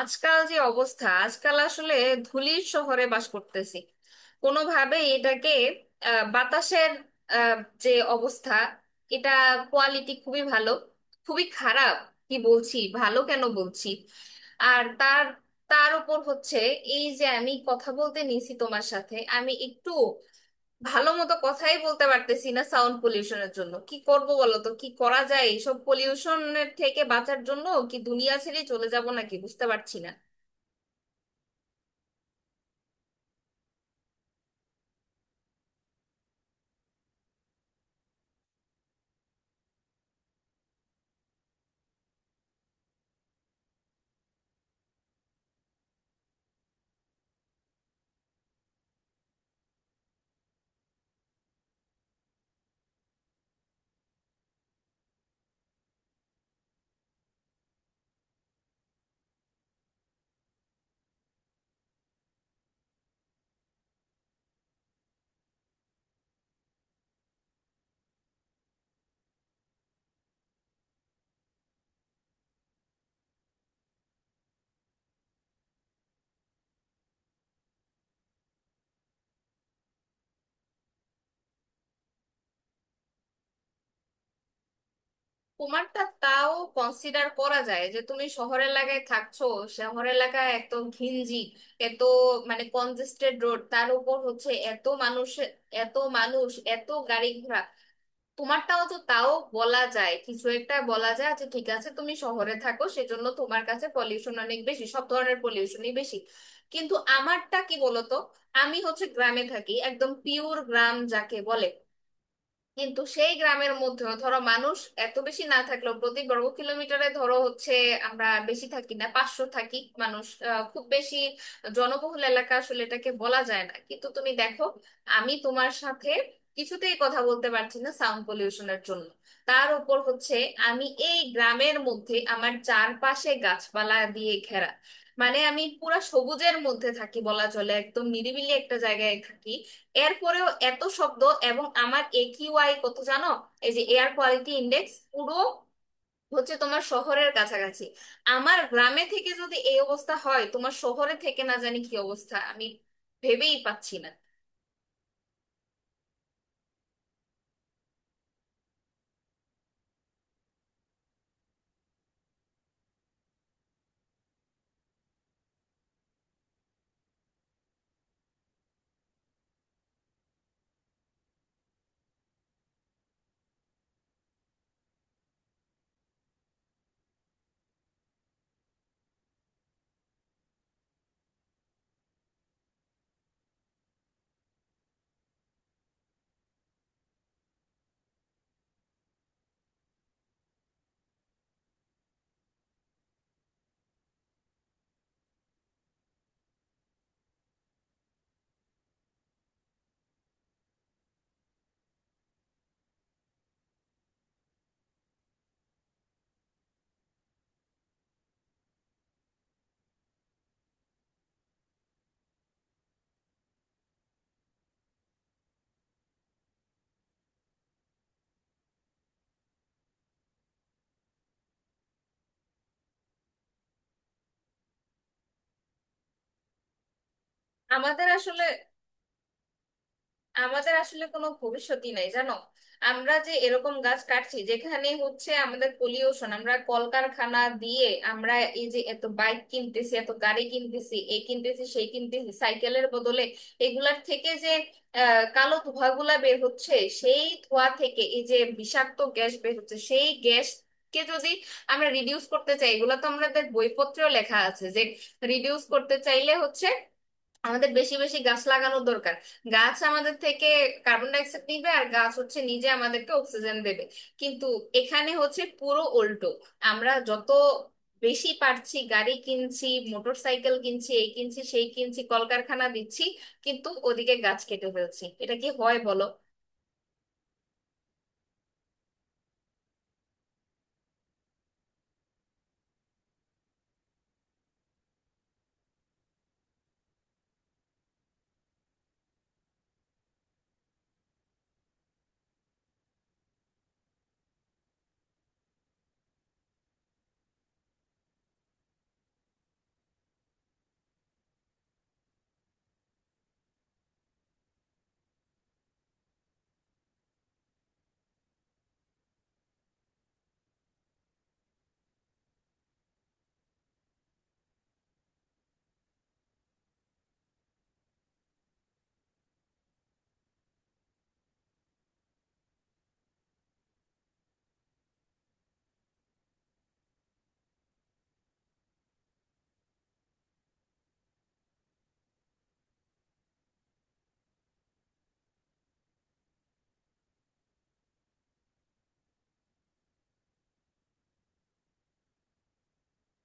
আজকাল যে অবস্থা আজকাল আসলে ধূলির শহরে বাস করতেছি। কোনোভাবেই এটাকে বাতাসের আহ, যে অবস্থা এটা, কোয়ালিটি খুবই ভালো খুবই খারাপ কি বলছি, ভালো কেন বলছি। আর তার তার উপর হচ্ছে এই যে আমি কথা বলতে নিছি তোমার সাথে, আমি একটু ভালো মতো কথাই বলতে পারতেছি না সাউন্ড পলিউশনের জন্য। কি করব বলো তো, কি করা যায় এইসব পলিউশনের থেকে বাঁচার জন্য? কি দুনিয়া ছেড়ে চলে যাব নাকি বুঝতে পারছি না। তোমারটা তাও কনসিডার করা যায় যে তুমি শহর এলাকায় থাকছো। শহর এলাকায় এত ঘিঞ্জি, এত মানে কনজেস্টেড রোড, তার উপর হচ্ছে এত মানুষ, এত মানুষ, এত গাড়ি ঘোড়া। তোমারটাও তো তাও বলা যায়, কিছু একটা বলা যায়। আচ্ছা ঠিক আছে, তুমি শহরে থাকো সেজন্য তোমার কাছে পলিউশন অনেক বেশি, সব ধরনের পলিউশনই বেশি। কিন্তু আমারটা কি বলতো, আমি হচ্ছে গ্রামে থাকি, একদম পিওর গ্রাম যাকে বলে। কিন্তু সেই গ্রামের মধ্যেও ধরো মানুষ এত বেশি না থাকলেও, প্রতি বর্গ কিলোমিটারে ধরো হচ্ছে আমরা বেশি থাকি না, 500 থাকি মানুষ। খুব বেশি জনবহুল এলাকা আসলে এটাকে বলা যায় না। কিন্তু তুমি দেখো, আমি তোমার সাথে কিছুতেই কথা বলতে পারছি না সাউন্ড পলিউশনের জন্য। তার উপর হচ্ছে আমি এই গ্রামের মধ্যে, আমার চারপাশে গাছপালা দিয়ে ঘেরা, মানে আমি পুরা সবুজের মধ্যে থাকি বলা চলে, একদম নিরিবিলি একটা জায়গায় থাকি। এরপরেও এত শব্দ। এবং আমার একিউআই কত জানো, এই যে এয়ার কোয়ালিটি ইন্ডেক্স, পুরো হচ্ছে তোমার শহরের কাছাকাছি। আমার গ্রামে থেকে যদি এই অবস্থা হয়, তোমার শহরে থেকে না জানি কি অবস্থা, আমি ভেবেই পাচ্ছি না। আমাদের আসলে আমাদের আসলে কোনো ভবিষ্যৎই নাই জানো। আমরা যে এরকম গাছ কাটছি, যেখানে হচ্ছে আমাদের পলিউশন, আমরা কলকারখানা দিয়ে আমরা এই যে এত বাইক কিনতেছি, এত গাড়ি কিনতেছি, এই কিনতেছি সেই কিনতেছি সাইকেলের বদলে, এগুলার থেকে যে কালো ধোঁয়াগুলা বের হচ্ছে, সেই ধোঁয়া থেকে এই যে বিষাক্ত গ্যাস বের হচ্ছে, সেই গ্যাস কে যদি আমরা রিডিউস করতে চাই, এগুলো তো আমাদের বইপত্রেও লেখা আছে যে রিডিউস করতে চাইলে হচ্ছে আমাদের বেশি বেশি গাছ লাগানো দরকার। গাছ আমাদের থেকে কার্বন ডাই অক্সাইড নিবে, আর গাছ হচ্ছে নিজে আমাদেরকে অক্সিজেন দেবে। কিন্তু এখানে হচ্ছে পুরো উল্টো। আমরা যত বেশি পারছি গাড়ি কিনছি, মোটর সাইকেল কিনছি, এই কিনছি সেই কিনছি, কলকারখানা দিচ্ছি, কিন্তু ওদিকে গাছ কেটে ফেলছি। এটা কি হয় বলো।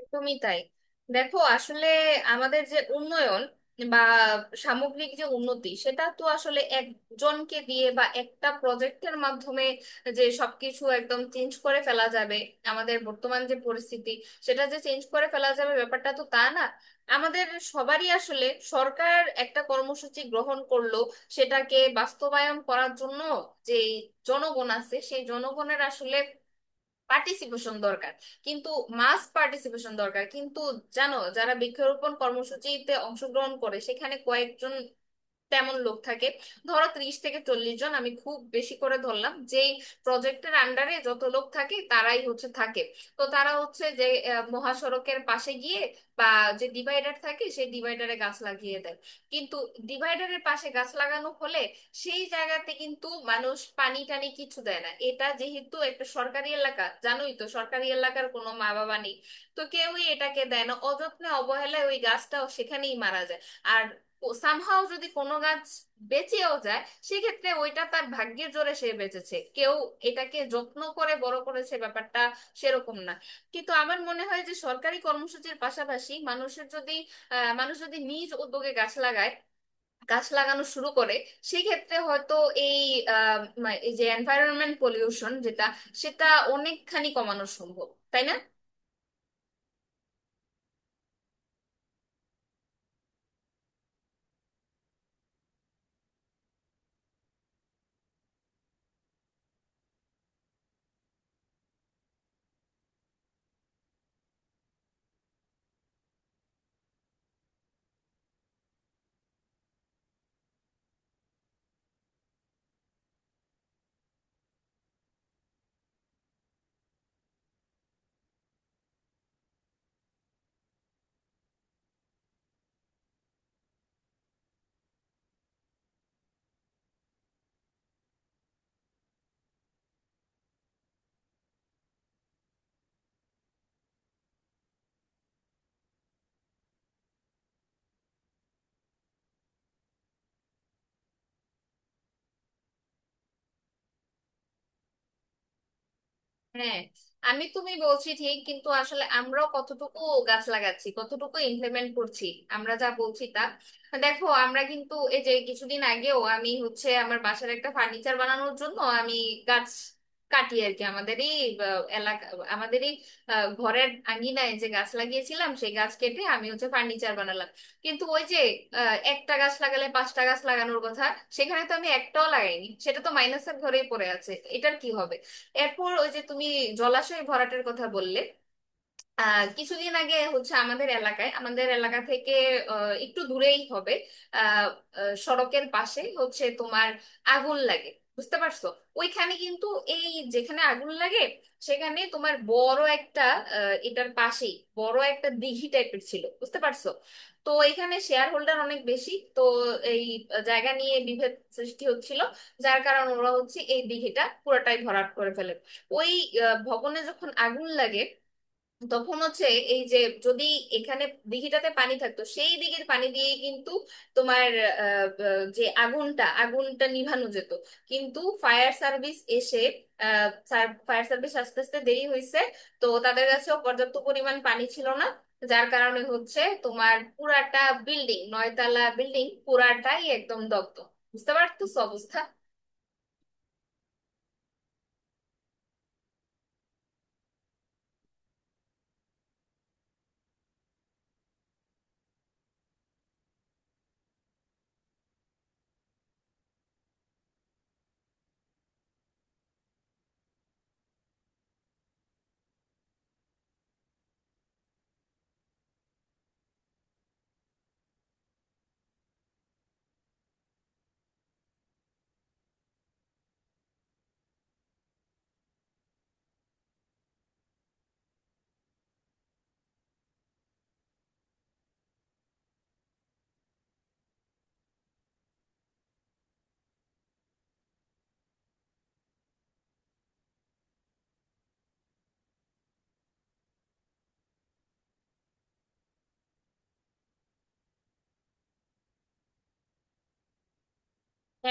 একদমই তাই। দেখো আসলে আমাদের যে উন্নয়ন বা সামগ্রিক যে উন্নতি, সেটা তো আসলে একজনকে দিয়ে বা একটা প্রজেক্টের মাধ্যমে যে সবকিছু একদম চেঞ্জ করে ফেলা যাবে, আমাদের বর্তমান যে পরিস্থিতি সেটা যে চেঞ্জ করে ফেলা যাবে, ব্যাপারটা তো তা না। আমাদের সবারই আসলে, সরকার একটা কর্মসূচি গ্রহণ করলো, সেটাকে বাস্তবায়ন করার জন্য যে জনগণ আছে সেই জনগণের আসলে পার্টিসিপেশন দরকার, কিন্তু মাস পার্টিসিপেশন দরকার। কিন্তু জানো, যারা বৃক্ষরোপণ কর্মসূচিতে অংশগ্রহণ করে, সেখানে কয়েকজন তেমন লোক থাকে, ধরো 30 থেকে 40 জন, আমি খুব বেশি করে ধরলাম। যেই প্রজেক্টের আন্ডারে যত লোক থাকে তারাই হচ্ছে থাকে। তো তারা হচ্ছে যে মহাসড়কের পাশে গিয়ে বা যে ডিভাইডার থাকে সেই ডিভাইডারে গাছ লাগিয়ে দেয়। কিন্তু ডিভাইডারের পাশে গাছ লাগানো হলে সেই জায়গাতে কিন্তু মানুষ পানি টানি কিছু দেয় না। এটা যেহেতু একটা সরকারি এলাকা, জানোই তো সরকারি এলাকার কোনো মা বাবা নেই, তো কেউই এটাকে দেয় না। অযত্নে অবহেলায় ওই গাছটাও সেখানেই মারা যায়। আর সামহাও যদি কোনো গাছ বেঁচেও যায়, সেক্ষেত্রে ওইটা তার ভাগ্যের জোরে সে বেঁচেছে, কেউ এটাকে যত্ন করে বড় করেছে ব্যাপারটা সেরকম না। কিন্তু আমার মনে হয় যে সরকারি কর্মসূচির পাশাপাশি মানুষের যদি মানুষ যদি নিজ উদ্যোগে গাছ লাগায়, গাছ লাগানো শুরু করে, সেক্ষেত্রে হয়তো এই আহ, এই যে এনভায়রনমেন্ট পলিউশন যেটা, সেটা অনেকখানি কমানো সম্ভব, তাই না। হ্যাঁ, আমি তুমি বলছি ঠিক, কিন্তু আসলে আমরাও কতটুকু গাছ লাগাচ্ছি, কতটুকু ইমপ্লিমেন্ট করছি আমরা যা বলছি তা। দেখো আমরা কিন্তু এই যে কিছুদিন আগেও আমি হচ্ছে আমার বাসার একটা ফার্নিচার বানানোর জন্য আমি গাছ কাটি আর কি। আমাদেরই এলাকা, আমাদেরই ঘরের আঙিনায় যে গাছ লাগিয়েছিলাম সেই গাছ কেটে আমি হচ্ছে ফার্নিচার বানালাম। কিন্তু ওই যে একটা গাছ লাগালে 5টা গাছ লাগানোর কথা, সেখানে তো আমি একটাও লাগাইনি, সেটা তো মাইনাসের ঘরেই পড়ে আছে। এটার কি হবে। এরপর ওই যে তুমি জলাশয় ভরাটের কথা বললে, কিছুদিন আগে হচ্ছে আমাদের এলাকায়, আমাদের এলাকা থেকে একটু দূরেই হবে, আহ, আহ, সড়কের পাশে হচ্ছে তোমার আগুন লাগে, বুঝতে পারছো। ওইখানে কিন্তু এই যেখানে আগুন লাগে সেখানে তোমার বড় একটা, এটার পাশেই বড় একটা দিঘি টাইপের ছিল, বুঝতে পারছো। তো এখানে শেয়ার হোল্ডার অনেক বেশি, তো এই জায়গা নিয়ে বিভেদ সৃষ্টি হচ্ছিল, যার কারণে ওরা হচ্ছে এই দিঘিটা পুরোটাই ভরাট করে ফেলে। ওই ভবনে যখন আগুন লাগে, তখন হচ্ছে এই যে যদি এখানে দিঘিটাতে পানি থাকতো, সেই দিঘির পানি দিয়ে কিন্তু তোমার যে আগুনটা আগুনটা নিভানো যেত। কিন্তু ফায়ার সার্ভিস এসে, ফায়ার সার্ভিস আস্তে আস্তে দেরি হয়েছে, তো তাদের কাছেও পর্যাপ্ত পরিমাণ পানি ছিল না, যার কারণে হচ্ছে তোমার পুরাটা বিল্ডিং, 9তলা বিল্ডিং পুরাটাই একদম দগ্ধ, বুঝতে পারতো অবস্থা।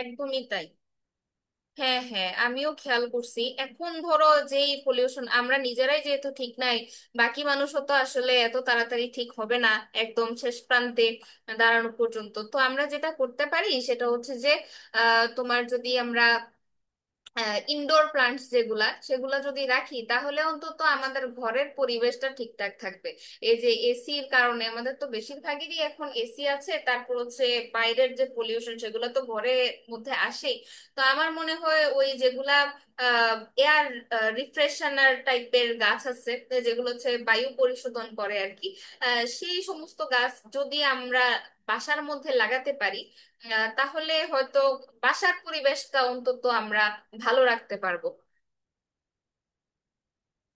একদমই তাই। হ্যাঁ হ্যাঁ, আমিও খেয়াল করছি। এখন ধরো যেই পলিউশন, আমরা নিজেরাই যেহেতু ঠিক নাই, বাকি মানুষও তো আসলে এত তাড়াতাড়ি ঠিক হবে না। একদম শেষ প্রান্তে দাঁড়ানো পর্যন্ত তো আমরা যেটা করতে পারি, সেটা হচ্ছে যে তোমার যদি আমরা ইনডোর প্লান্টস যেগুলা, সেগুলা যদি রাখি তাহলে অন্তত আমাদের ঘরের পরিবেশটা ঠিকঠাক থাকবে। এই যে এসির কারণে, আমাদের তো বেশিরভাগেরই এখন এসি আছে, তারপর হচ্ছে বাইরের যে পলিউশন সেগুলো তো ঘরের মধ্যে আসেই। তো আমার মনে হয় ওই যেগুলা এয়ার রিফ্রেশনার টাইপের গাছ আছে তো, যেগুলো হচ্ছে বায়ু পরিশোধন করে আর কি, সেই সমস্ত গাছ যদি আমরা বাসার মধ্যে লাগাতে পারি, তাহলে হয়তো বাসার পরিবেশটা অন্তত আমরা ভালো রাখতে পারবো।